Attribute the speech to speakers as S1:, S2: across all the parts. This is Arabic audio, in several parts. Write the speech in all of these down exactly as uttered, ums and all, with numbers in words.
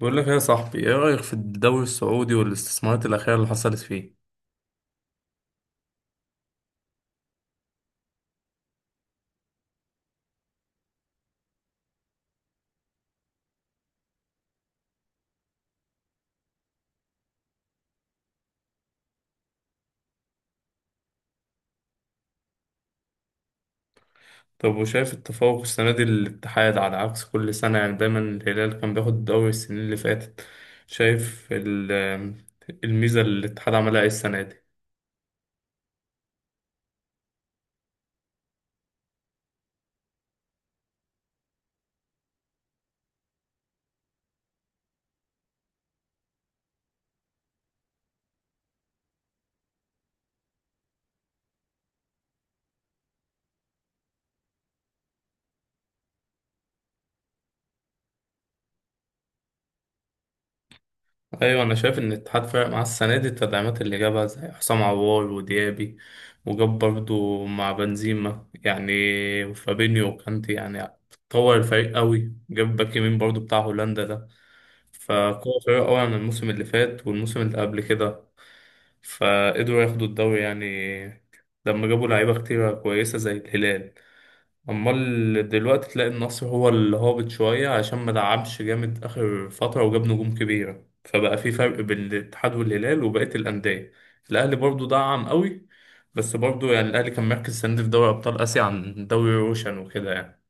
S1: بقول لك يا صاحبي، ايه رأيك في الدوري السعودي والاستثمارات الأخيرة اللي حصلت فيه؟ طب وشايف التفوق السنة دي للاتحاد على عكس كل سنة؟ يعني دايما الهلال كان بياخد الدوري السنين اللي فاتت. شايف ال- الميزة اللي الاتحاد عملها ايه السنة دي؟ ايوه، انا شايف ان الاتحاد فرق معاه السنة دي التدعيمات اللي جابها زي حسام عوار وديابي، وجاب برضه مع بنزيما يعني، وفابينيو وكانتي يعني. طور الفريق قوي، جاب باك يمين برضه بتاع هولندا ده، فقوة قوية أوي عن الموسم اللي فات والموسم اللي قبل كده. فقدروا ياخدوا الدوري يعني لما جابوا لعيبة كتيرة كويسة زي الهلال. أمال دلوقتي تلاقي النصر هو اللي هابط شوية عشان ما دعمش جامد آخر فترة وجاب نجوم كبيرة، فبقى في فرق بين الاتحاد والهلال وبقية الأندية. الأهلي برضو دعم قوي، بس برضو يعني الأهلي كان مركز السنة دي في دوري أبطال آسيا عن دوري روشن وكده يعني.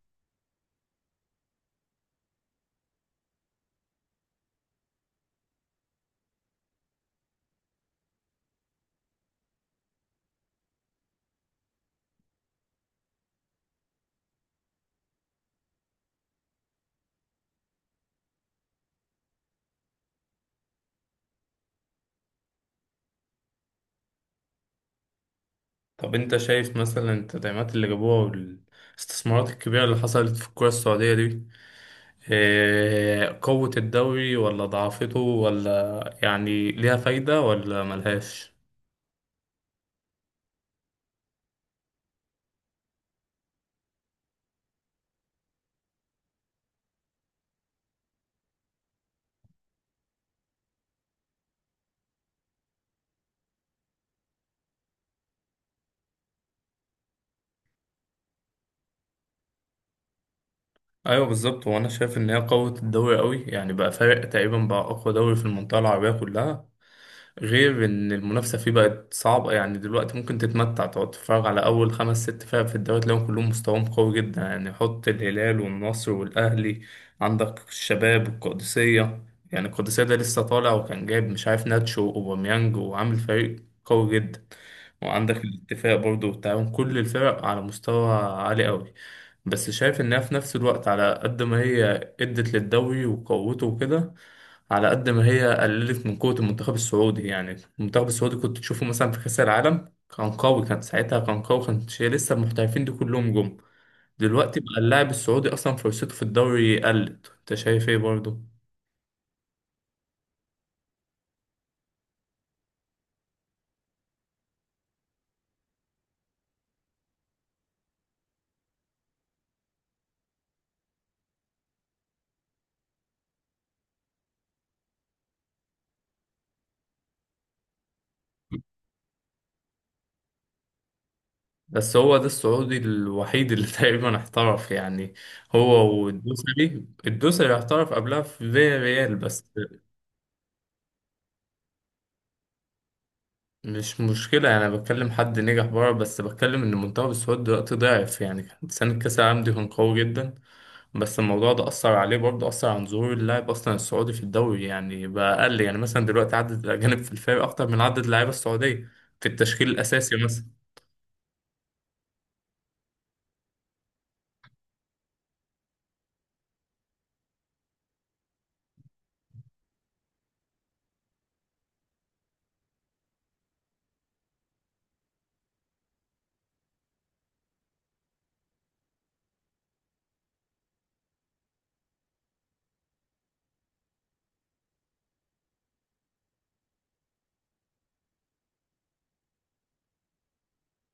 S1: طب انت شايف مثلا التدعيمات اللي جابوها والاستثمارات الكبيرة اللي حصلت في الكرة السعودية دي، اه، قوت الدوري ولا ضعفته، ولا يعني ليها فايدة ولا ملهاش؟ ايوه بالظبط، وانا شايف ان هي قوت الدوري قوي، يعني بقى فارق تقريبا، بقى اقوى دوري في المنطقة العربية كلها. غير ان المنافسه فيه بقت صعبه، يعني دلوقتي ممكن تتمتع تقعد تتفرج على اول خمس ست فرق في الدوري تلاقيهم كلهم مستواهم قوي جدا، يعني حط الهلال والنصر والاهلي، عندك الشباب والقادسيه. يعني القادسيه ده لسه طالع وكان جايب مش عارف ناتشو واوباميانج، وعامل فريق قوي جدا. وعندك الاتفاق برضه والتعاون، كل الفرق على مستوى عالي قوي. بس شايف انها في نفس الوقت على قد ما هي ادت للدوري وقوته وكده، على قد ما هي قللت من قوة المنتخب السعودي. يعني المنتخب السعودي كنت تشوفه مثلا في كأس العالم كان قوي، كان ساعتها كان قوي، كان شيء لسه المحترفين دي كلهم جم. دلوقتي بقى اللاعب السعودي أصلا فرصته في الدوري قلت، أنت شايف إيه برضه؟ بس هو ده السعودي الوحيد اللي تقريبا احترف يعني، هو والدوسري. الدوسري احترف قبلها في فيا ريال بس. مش مشكلة، أنا بتكلم حد نجح بره، بس بتكلم إن المنتخب السعودي دلوقتي ضعف، يعني كان سنة كأس العالم دي كان قوي جدا. بس الموضوع ده أثر عليه برضه، أثر عن ظهور اللاعب أصلا السعودي في الدوري، يعني بقى أقل. يعني مثلا دلوقتي عدد الأجانب في الفريق أكتر من عدد اللعيبة السعودية في التشكيل الأساسي مثلا.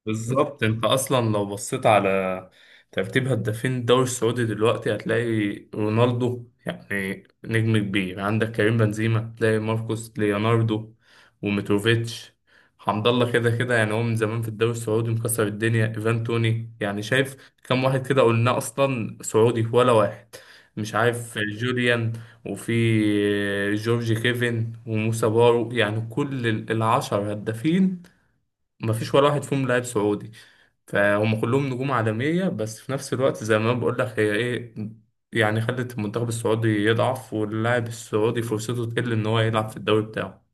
S1: بالظبط، انت اصلا لو بصيت على ترتيب هدافين الدوري السعودي دلوقتي هتلاقي رونالدو، يعني نجم كبير، يعني عندك كريم بنزيما، تلاقي ماركوس ليوناردو وميتروفيتش، حمد الله كده كده يعني هو من زمان في الدوري السعودي مكسر الدنيا، ايفان توني. يعني شايف كم واحد كده قلنا اصلا سعودي؟ ولا واحد. مش عارف جوليان، وفي جورج كيفن وموسى بارو. يعني كل العشر هدافين مفيش ولا واحد فيهم لاعب سعودي. فهم كلهم نجوم عالمية، بس في نفس الوقت زي ما بقول لك هي ايه، يعني خلت المنتخب السعودي يضعف واللاعب السعودي فرصته تقل ان هو يلعب في الدوري بتاعه.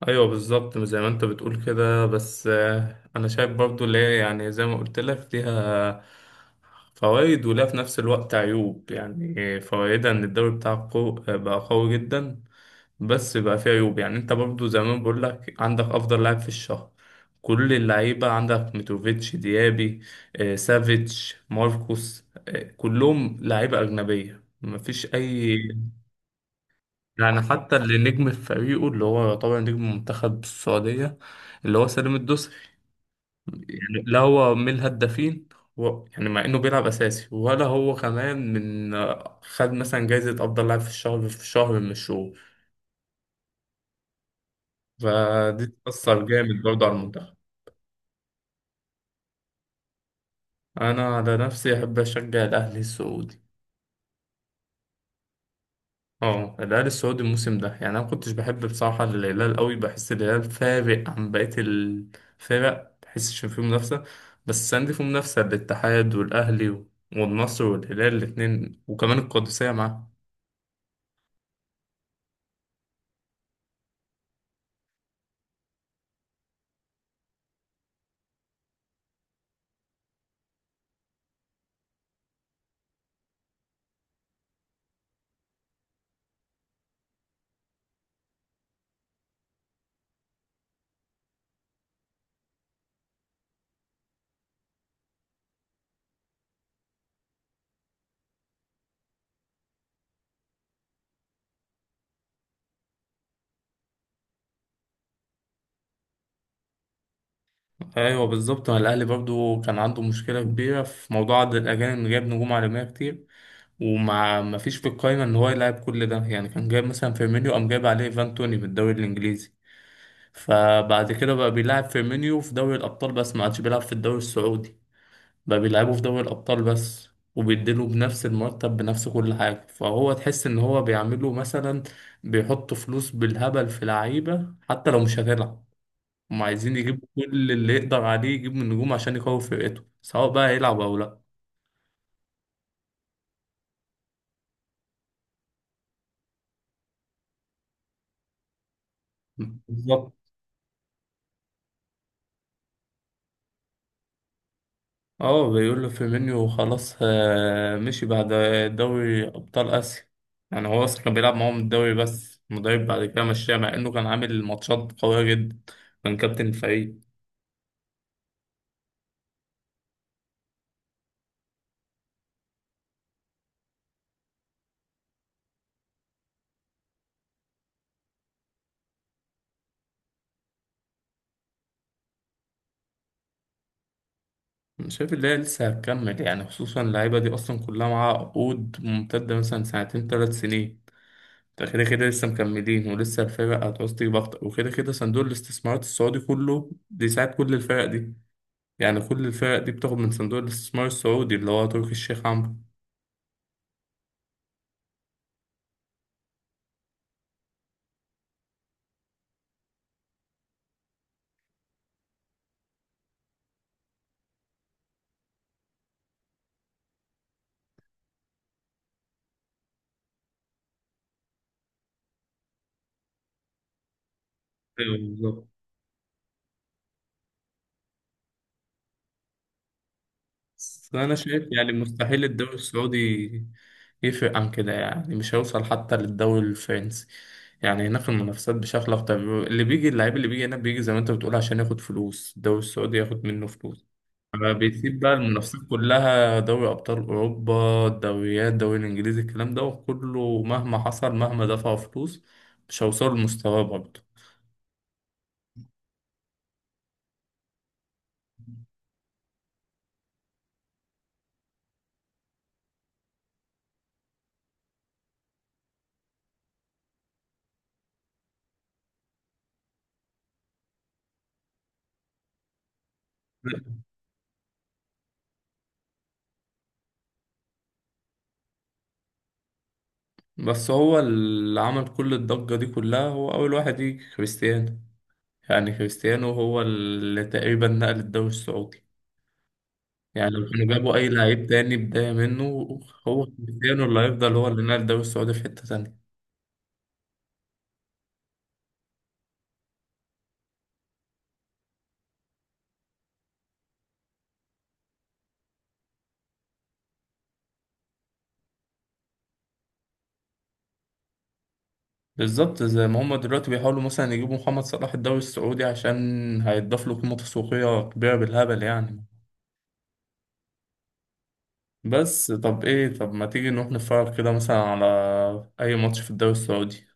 S1: ايوه بالظبط زي ما انت بتقول كده، بس آه، انا شايف برضو اللي هي يعني زي ما قلت لك ليها فوائد، ولها في نفس الوقت عيوب. يعني فوائدها ان الدوري بتاعك قو- بقى قوي جدا، بس بقى فيه عيوب. يعني انت برضو زمان بقول لك عندك افضل لاعب في الشهر، كل اللعيبه عندك ميتروفيتش، ديابي، آه، سافيتش، ماركوس، آه، كلهم لعيبه اجنبيه، مفيش اي. يعني حتى اللي نجم في فريقه، اللي هو طبعا نجم منتخب السعودية، اللي هو سالم الدوسري، يعني لا هو من الهدافين، و... يعني مع انه بيلعب اساسي، ولا هو كمان من خد مثلا جايزة افضل لاعب في الشهر في شهر من الشهور. فدي تأثر جامد برضه على المنتخب. انا على نفسي احب اشجع الاهلي السعودي. اه، الهلال السعودي الموسم ده، يعني انا ما كنتش بحب بصراحه، الهلال قوي، بحس الهلال فارق عن بقيه الفرق، بحسش ان فيه منافسه. بس السنه دي فيه منافسه، الاتحاد والاهلي و- والنصر والهلال الاثنين وكمان القادسيه معاه. ايوه بالظبط، ما الاهلي برضو كان عنده مشكله كبيره في موضوع عدد الاجانب، جاب نجوم عالميه كتير وما ما فيش في القايمه ان هو يلعب كل ده. يعني كان جايب مثلا فيرمينيو، قام جايب عليه ايفان توني من الدوري الانجليزي، فبعد كده بقى بيلعب فيرمينيو في دوري الأبطال بس، ما عادش بيلعب في الدوري السعودي، بقى بيلعبه في دوري الأبطال بس. وبيديله بنفس المرتب، بنفس كل حاجة، فهو تحس إن هو بيعمله مثلا، بيحط فلوس بالهبل في لعيبة حتى لو مش هتلعب. هم عايزين يجيبوا كل اللي يقدر عليه يجيب من نجوم عشان يقوي فرقته، سواء بقى هيلعب أو لأ. بالظبط. اه، بيقول له فيرمينيو خلاص آه، مشي بعد دوري ابطال اسيا. يعني هو اصلا كان بيلعب معاهم الدوري، بس المدرب بعد كده مشاه، مع انه كان عامل ماتشات قويه جدا، كان كابتن الفريق. أنا شايف ان هي لسه هتكمل، يعني خصوصا اللعيبه دي اصلا كلها معاها عقود ممتده، مثلا سنتين ثلاث سنين، ده كده كده لسه مكملين، ولسه الفرق هتعوز تجيب اكتر، وكده كده صندوق الاستثمارات السعودي كله بيساعد كل الفرق دي. يعني كل الفرق دي بتاخد من صندوق الاستثمار السعودي اللي هو تركي الشيخ عمرو. ايوه بالظبط. بس أنا شايف يعني مستحيل الدوري السعودي يفرق عن كده، يعني مش هيوصل حتى للدوري الفرنسي. يعني هناك المنافسات بشكل أكتر، اللي بيجي اللعيب اللي بيجي هنا بيجي زي ما أنت بتقول عشان ياخد فلوس، الدوري السعودي ياخد منه فلوس، أما بيسيب بقى المنافسات كلها، دوري أبطال أوروبا، الدوريات، الدوري الإنجليزي، الكلام ده وكله مهما حصل مهما دفعوا فلوس مش هيوصلوا لمستواه برضه. بس هو اللي عمل كل الضجة دي كلها هو أول واحد يجي، كريستيانو. يعني كريستيانو هو اللي تقريبا نقل الدوري السعودي، يعني لو كانوا جابوا أي لعيب تاني بداية منه، هو كريستيانو اللي هيفضل هو اللي نقل الدوري السعودي في حتة تانية. بالظبط زي ما هما دلوقتي بيحاولوا مثلا يجيبوا محمد صلاح الدوري السعودي عشان هيضاف له قيمة تسويقية كبيرة بالهبل يعني. بس طب ايه، طب ما تيجي نروح نتفرج كده مثلا على أي ماتش في الدوري السعودي.